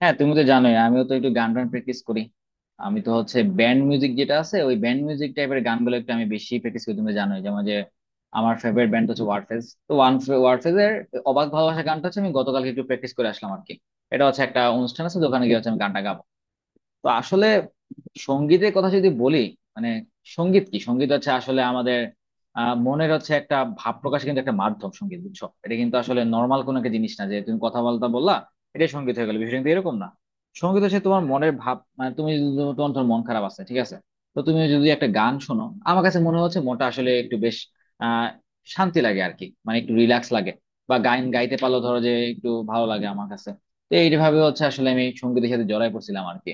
হ্যাঁ, তুমি তো জানোই আমিও তো একটু গান টান প্র্যাকটিস করি। আমি তো হচ্ছে ব্যান্ড মিউজিক যেটা আছে ওই ব্যান্ড মিউজিক টাইপের গানগুলো একটু আমি বেশি প্র্যাকটিস করি। তুমি তো জানোই, যেমন যে আমার ফেভারিট ব্যান্ড হচ্ছে ওয়ারফেজ। তো ওয়ান ওয়ারফেজ এর অবাক ভালোবাসা গানটা হচ্ছে আমি গতকালকে একটু প্র্যাকটিস করে আসলাম আর কি। এটা হচ্ছে একটা অনুষ্ঠান আছে, তো ওখানে গিয়ে হচ্ছে আমি গানটা গাবো। তো আসলে সঙ্গীতের কথা যদি বলি, মানে সঙ্গীত কি? সঙ্গীত হচ্ছে আসলে আমাদের মনের হচ্ছে একটা ভাব প্রকাশ কিন্তু একটা মাধ্যম সঙ্গীত, বুঝছো? এটা কিন্তু আসলে নর্মাল কোনো একটা জিনিস না যে তুমি কথা বলতে বললা এটা সঙ্গীত হয়ে গেল। বিষয়টা কিন্তু এরকম না। সঙ্গীত হচ্ছে তোমার মনের ভাব। মানে তুমি যদি তোমার তোমার ধর মন খারাপ আছে, ঠিক আছে? তো তুমি যদি একটা গান শোনো, আমার কাছে মনে হচ্ছে মনটা আসলে একটু বেশ আহ শান্তি লাগে আর কি। মানে একটু রিল্যাক্স লাগে, বা গান গাইতে পারলো ধরো যে একটু ভালো লাগে আমার কাছে। তো এইভাবে হচ্ছে আসলে আমি সঙ্গীতের সাথে জড়াই পড়ছিলাম আর কি।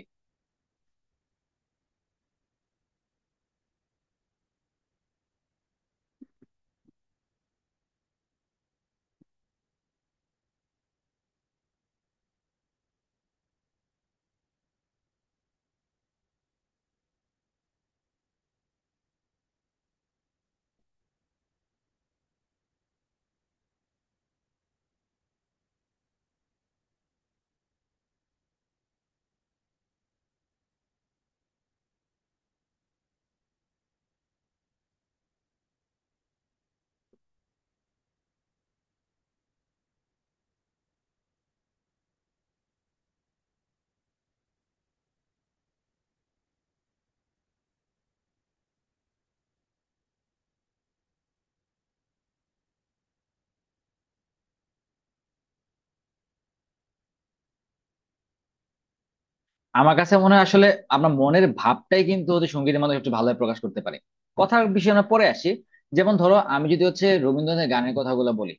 আমার কাছে মনে হয় আসলে আমরা মনের ভাবটাই কিন্তু হচ্ছে সঙ্গীতের মাধ্যমে একটু ভালোভাবে প্রকাশ করতে পারি। কথার বিষয়ে আমরা পরে আসি। যেমন ধরো, আমি যদি হচ্ছে রবীন্দ্রনাথের গানের কথাগুলো বলি,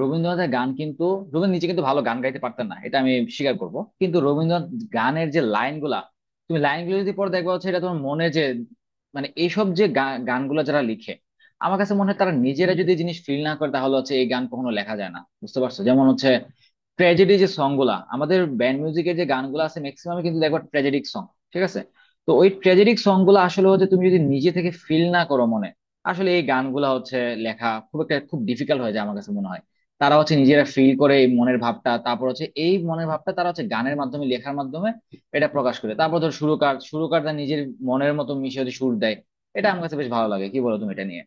রবীন্দ্রনাথের গান কিন্তু, রবীন্দ্র নিজে কিন্তু ভালো গান গাইতে পারতেন না, এটা আমি স্বীকার করব, কিন্তু রবীন্দ্রনাথ গানের যে লাইনগুলা, তুমি লাইনগুলো যদি পরে দেখবা হচ্ছে এটা তোমার মনে যে, মানে এইসব যে গানগুলো যারা লিখে, আমার কাছে মনে হয় তারা নিজেরা যদি এই জিনিস ফিল না করে তাহলে হচ্ছে এই গান কখনো লেখা যায় না, বুঝতে পারছো? যেমন হচ্ছে ট্র্যাজেডি যে সং গুলা, আমাদের ব্যান্ড মিউজিকের যে গানগুলো আছে ম্যাক্সিমাম কিন্তু দেখো ট্র্যাজেডিক সং, ঠিক আছে? তো ওই ট্র্যাজেডিক সং গুলো আসলে হচ্ছে তুমি যদি নিজে থেকে ফিল না করো মনে, আসলে এই গানগুলা হচ্ছে লেখা খুব একটা খুব ডিফিকাল্ট হয়ে যায় আমার কাছে মনে হয়। তারা হচ্ছে নিজেরা ফিল করে এই মনের ভাবটা, তারপর হচ্ছে এই মনের ভাবটা তারা হচ্ছে গানের মাধ্যমে, লেখার মাধ্যমে এটা প্রকাশ করে। তারপর ধর সুরকার সুরকার তার নিজের মনের মতো মিশে হচ্ছে সুর দেয়। এটা আমার কাছে বেশ ভালো লাগে। কি বলো তুমি এটা নিয়ে?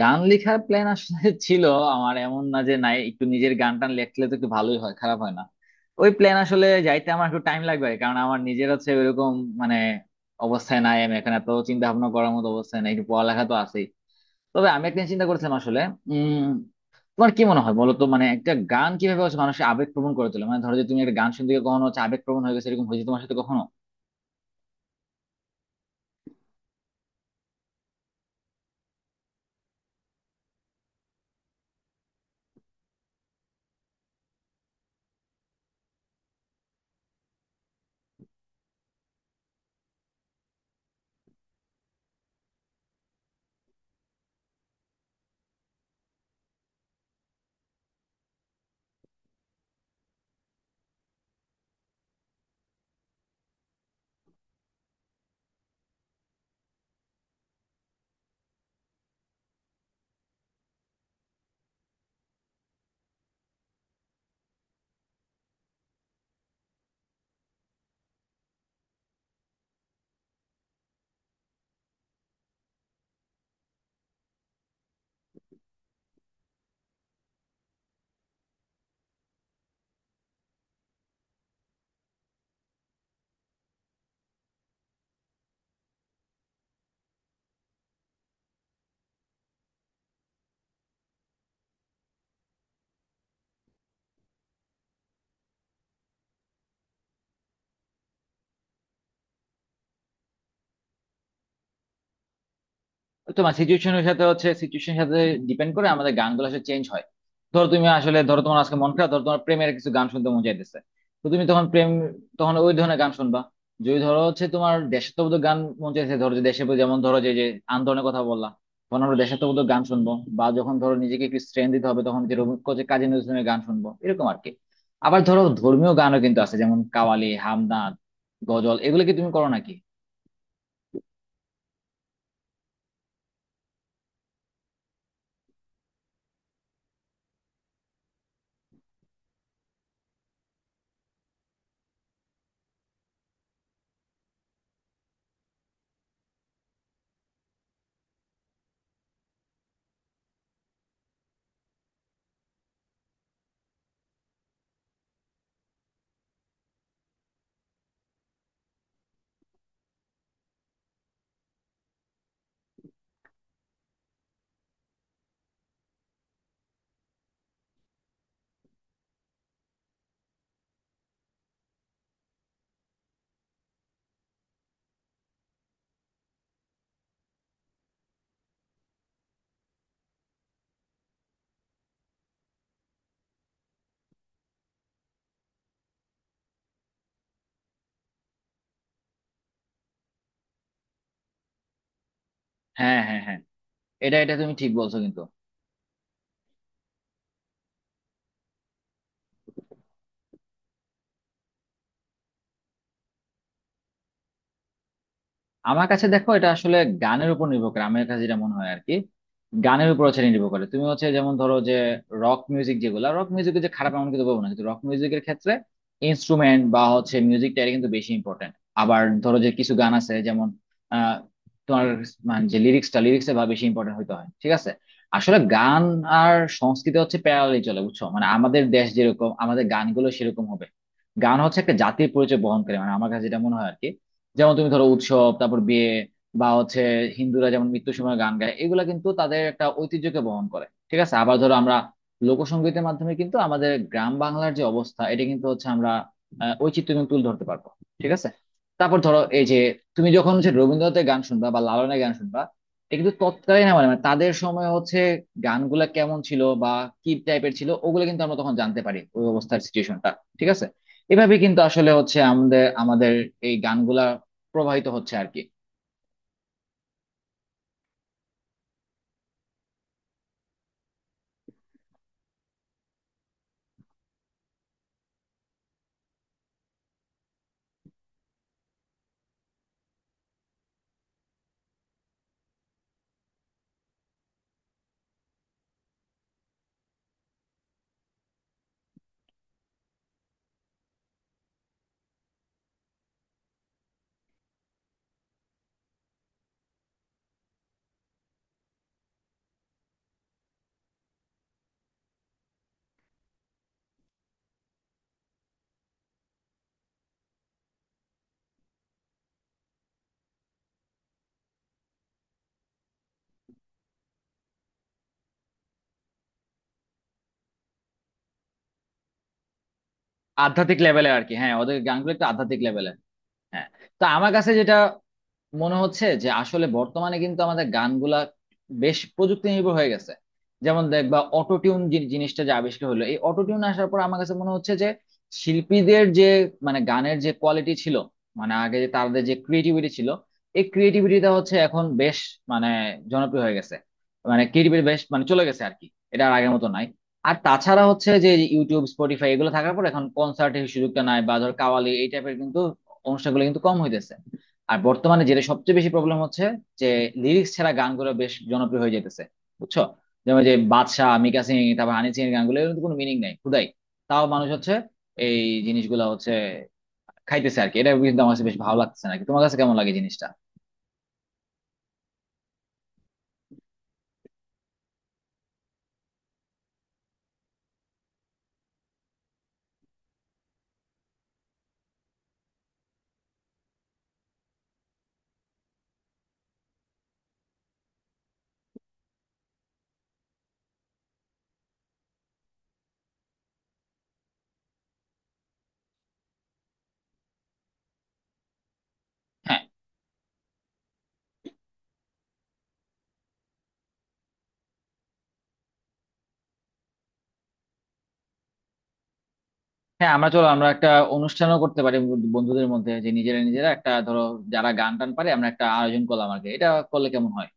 গান লেখার প্ল্যান আসলে ছিল। আমার এমন না যে নাই, একটু নিজের গান টান লেখলে তো একটু ভালোই হয়, খারাপ হয় না। ওই প্ল্যান আসলে যাইতে আমার একটু টাইম লাগবে, কারণ আমার নিজের হচ্ছে ওইরকম মানে অবস্থায় নাই। আমি এখন এত চিন্তা ভাবনা করার মতো অবস্থায় নাই, একটু পড়ালেখা তো আছেই। তবে আমি একটা জিনিস চিন্তা করছিলাম আসলে। উম তোমার কি মনে হয় বলো তো, মানে একটা গান কিভাবে হচ্ছে মানুষের আবেগ প্রবণ করে তোলে? মানে ধরো যে তুমি একটা গান শুনতে গিয়ে কখনো হচ্ছে আবেগ প্রবণ হয়ে গেছে, এরকম হয়েছে তোমার সাথে কখনো? তোমার সিচুয়েশনের সাথে হচ্ছে সিচুয়েশনের সাথে ডিপেন্ড করে আমাদের গানগুলো আসলে চেঞ্জ হয়। ধরো তুমি আসলে, ধরো তোমার আজকে মন খারাপ, ধরো তোমার প্রেমের কিছু গান শুনতে মন চাইতেছে, তো তুমি তখন প্রেম, তখন ওই ধরনের গান শুনবা। যদি ধরো হচ্ছে তোমার দেশাত্মবোধক গান মন চাইছে, ধরো যে দেশে, যেমন ধরো যে যে আন্দোলনের কথা বললা, তখন আমরা দেশাত্মবোধক গান শুনবো। বা যখন ধরো নিজেকে একটু স্ট্রেন দিতে হবে, তখন যে কোচে কাজী নজরুল ইসলামের গান শুনবো, এরকম আর কি। আবার ধরো ধর্মীয় গানও কিন্তু আছে, যেমন কাওয়ালি, হামদর্দ, গজল, এগুলো কি তুমি করো নাকি? হ্যাঁ, হ্যাঁ, হ্যাঁ, এটা এটা তুমি ঠিক বলছো কিন্তু। আমার কাছে দেখো এটা আসলে গানের উপর নির্ভর করে, আমার কাছে যেটা মনে হয় আর কি। গানের উপর হচ্ছে নির্ভর করে, তুমি হচ্ছে যেমন ধরো যে রক মিউজিক, যেগুলো রক মিউজিক যে খারাপ এমন কিন্তু বলবো না, কিন্তু রক মিউজিকের ক্ষেত্রে ইনস্ট্রুমেন্ট বা হচ্ছে মিউজিকটা এটা কিন্তু বেশি ইম্পর্টেন্ট। আবার ধরো যে কিছু গান আছে যেমন আহ তোমার, মানে যে লিরিক্সে বা বেশি ইম্পর্টেন্ট হইতে হয়, ঠিক আছে? আসলে গান আর সংস্কৃতি হচ্ছে প্যারালালি চলে, বুঝছো? মানে আমাদের দেশ যেরকম, আমাদের গানগুলো সেরকম হবে। গান হচ্ছে একটা জাতির পরিচয় বহন করে, মানে আমার কাছে যেটা মনে হয় আর কি। যেমন তুমি ধরো উৎসব, তারপর বিয়ে, বা হচ্ছে হিন্দুরা যেমন মৃত্যুর সময় গান গায়, এগুলা কিন্তু তাদের একটা ঐতিহ্যকে বহন করে, ঠিক আছে? আবার ধরো আমরা লোকসঙ্গীতের মাধ্যমে কিন্তু আমাদের গ্রাম বাংলার যে অবস্থা এটা কিন্তু হচ্ছে আমরা ঐচিত্র্য কিন্তু তুলে ধরতে পারবো, ঠিক আছে? তারপর ধরো এই যে, তুমি যখন হচ্ছে রবীন্দ্রনাথের গান শুনবা বা লালনের গান শুনবা, এটা কিন্তু তৎকালীন আমার মানে তাদের সময় হচ্ছে গানগুলা কেমন ছিল বা কি টাইপের ছিল, ওগুলো কিন্তু আমরা তখন জানতে পারি, ওই অবস্থার সিচুয়েশনটা, ঠিক আছে? এভাবে কিন্তু আসলে হচ্ছে আমাদের আমাদের এই গানগুলা প্রবাহিত হচ্ছে আর কি। আধ্যাত্মিক লেভেলে আর কি, হ্যাঁ ওদের গানগুলো একটু আধ্যাত্মিক লেভেলে। হ্যাঁ। তো আমার কাছে যেটা মনে হচ্ছে যে আসলে বর্তমানে কিন্তু আমাদের গানগুলা বেশ প্রযুক্তি নির্ভর হয়ে গেছে। যেমন দেখবা অটোটিউন জিনিসটা যে আবিষ্কার হলো, এই অটোটিউন আসার পর আমার কাছে মনে হচ্ছে যে শিল্পীদের যে, মানে গানের যে কোয়ালিটি ছিল, মানে আগে যে তাদের যে ক্রিয়েটিভিটি ছিল, এই ক্রিয়েটিভিটিটা হচ্ছে এখন বেশ মানে জনপ্রিয় হয়ে গেছে, মানে ক্রিয়েটিভিটি বেশ মানে চলে গেছে আর কি। এটা আর আগের মতো নাই। আর তাছাড়া হচ্ছে যে ইউটিউব, স্পটিফাই এগুলো থাকার পর এখন কনসার্টের সুযোগটা নাই, বা ধর কাওয়ালি এই টাইপের কিন্তু অনুষ্ঠানগুলো কিন্তু কম হইতেছে। আর বর্তমানে যেটা সবচেয়ে বেশি প্রবলেম হচ্ছে যে লিরিক্স ছাড়া গানগুলো বেশ জনপ্রিয় হয়ে যেতেছে, বুঝছো? যেমন যে বাদশা, মিকা সিং, তারপর হানি সিং এর গানগুলো, এগুলোর তো কোনো মিনিং নাই খুদাই। তাও মানুষ হচ্ছে এই জিনিসগুলো হচ্ছে খাইতেছে আর কি। এটা কিন্তু আমার কাছে বেশ ভালো লাগতেছে নাকি, তোমার কাছে কেমন লাগে জিনিসটা? হ্যাঁ, হ্যাঁ, আমরা চলো আমরা একটা অনুষ্ঠানও করতে পারি, বন্ধুদের মধ্যে, যে নিজেরা নিজেরা একটা ধরো যারা গান টান পারে আমরা একটা আয়োজন করলাম আর কি, এটা করলে কেমন হয়?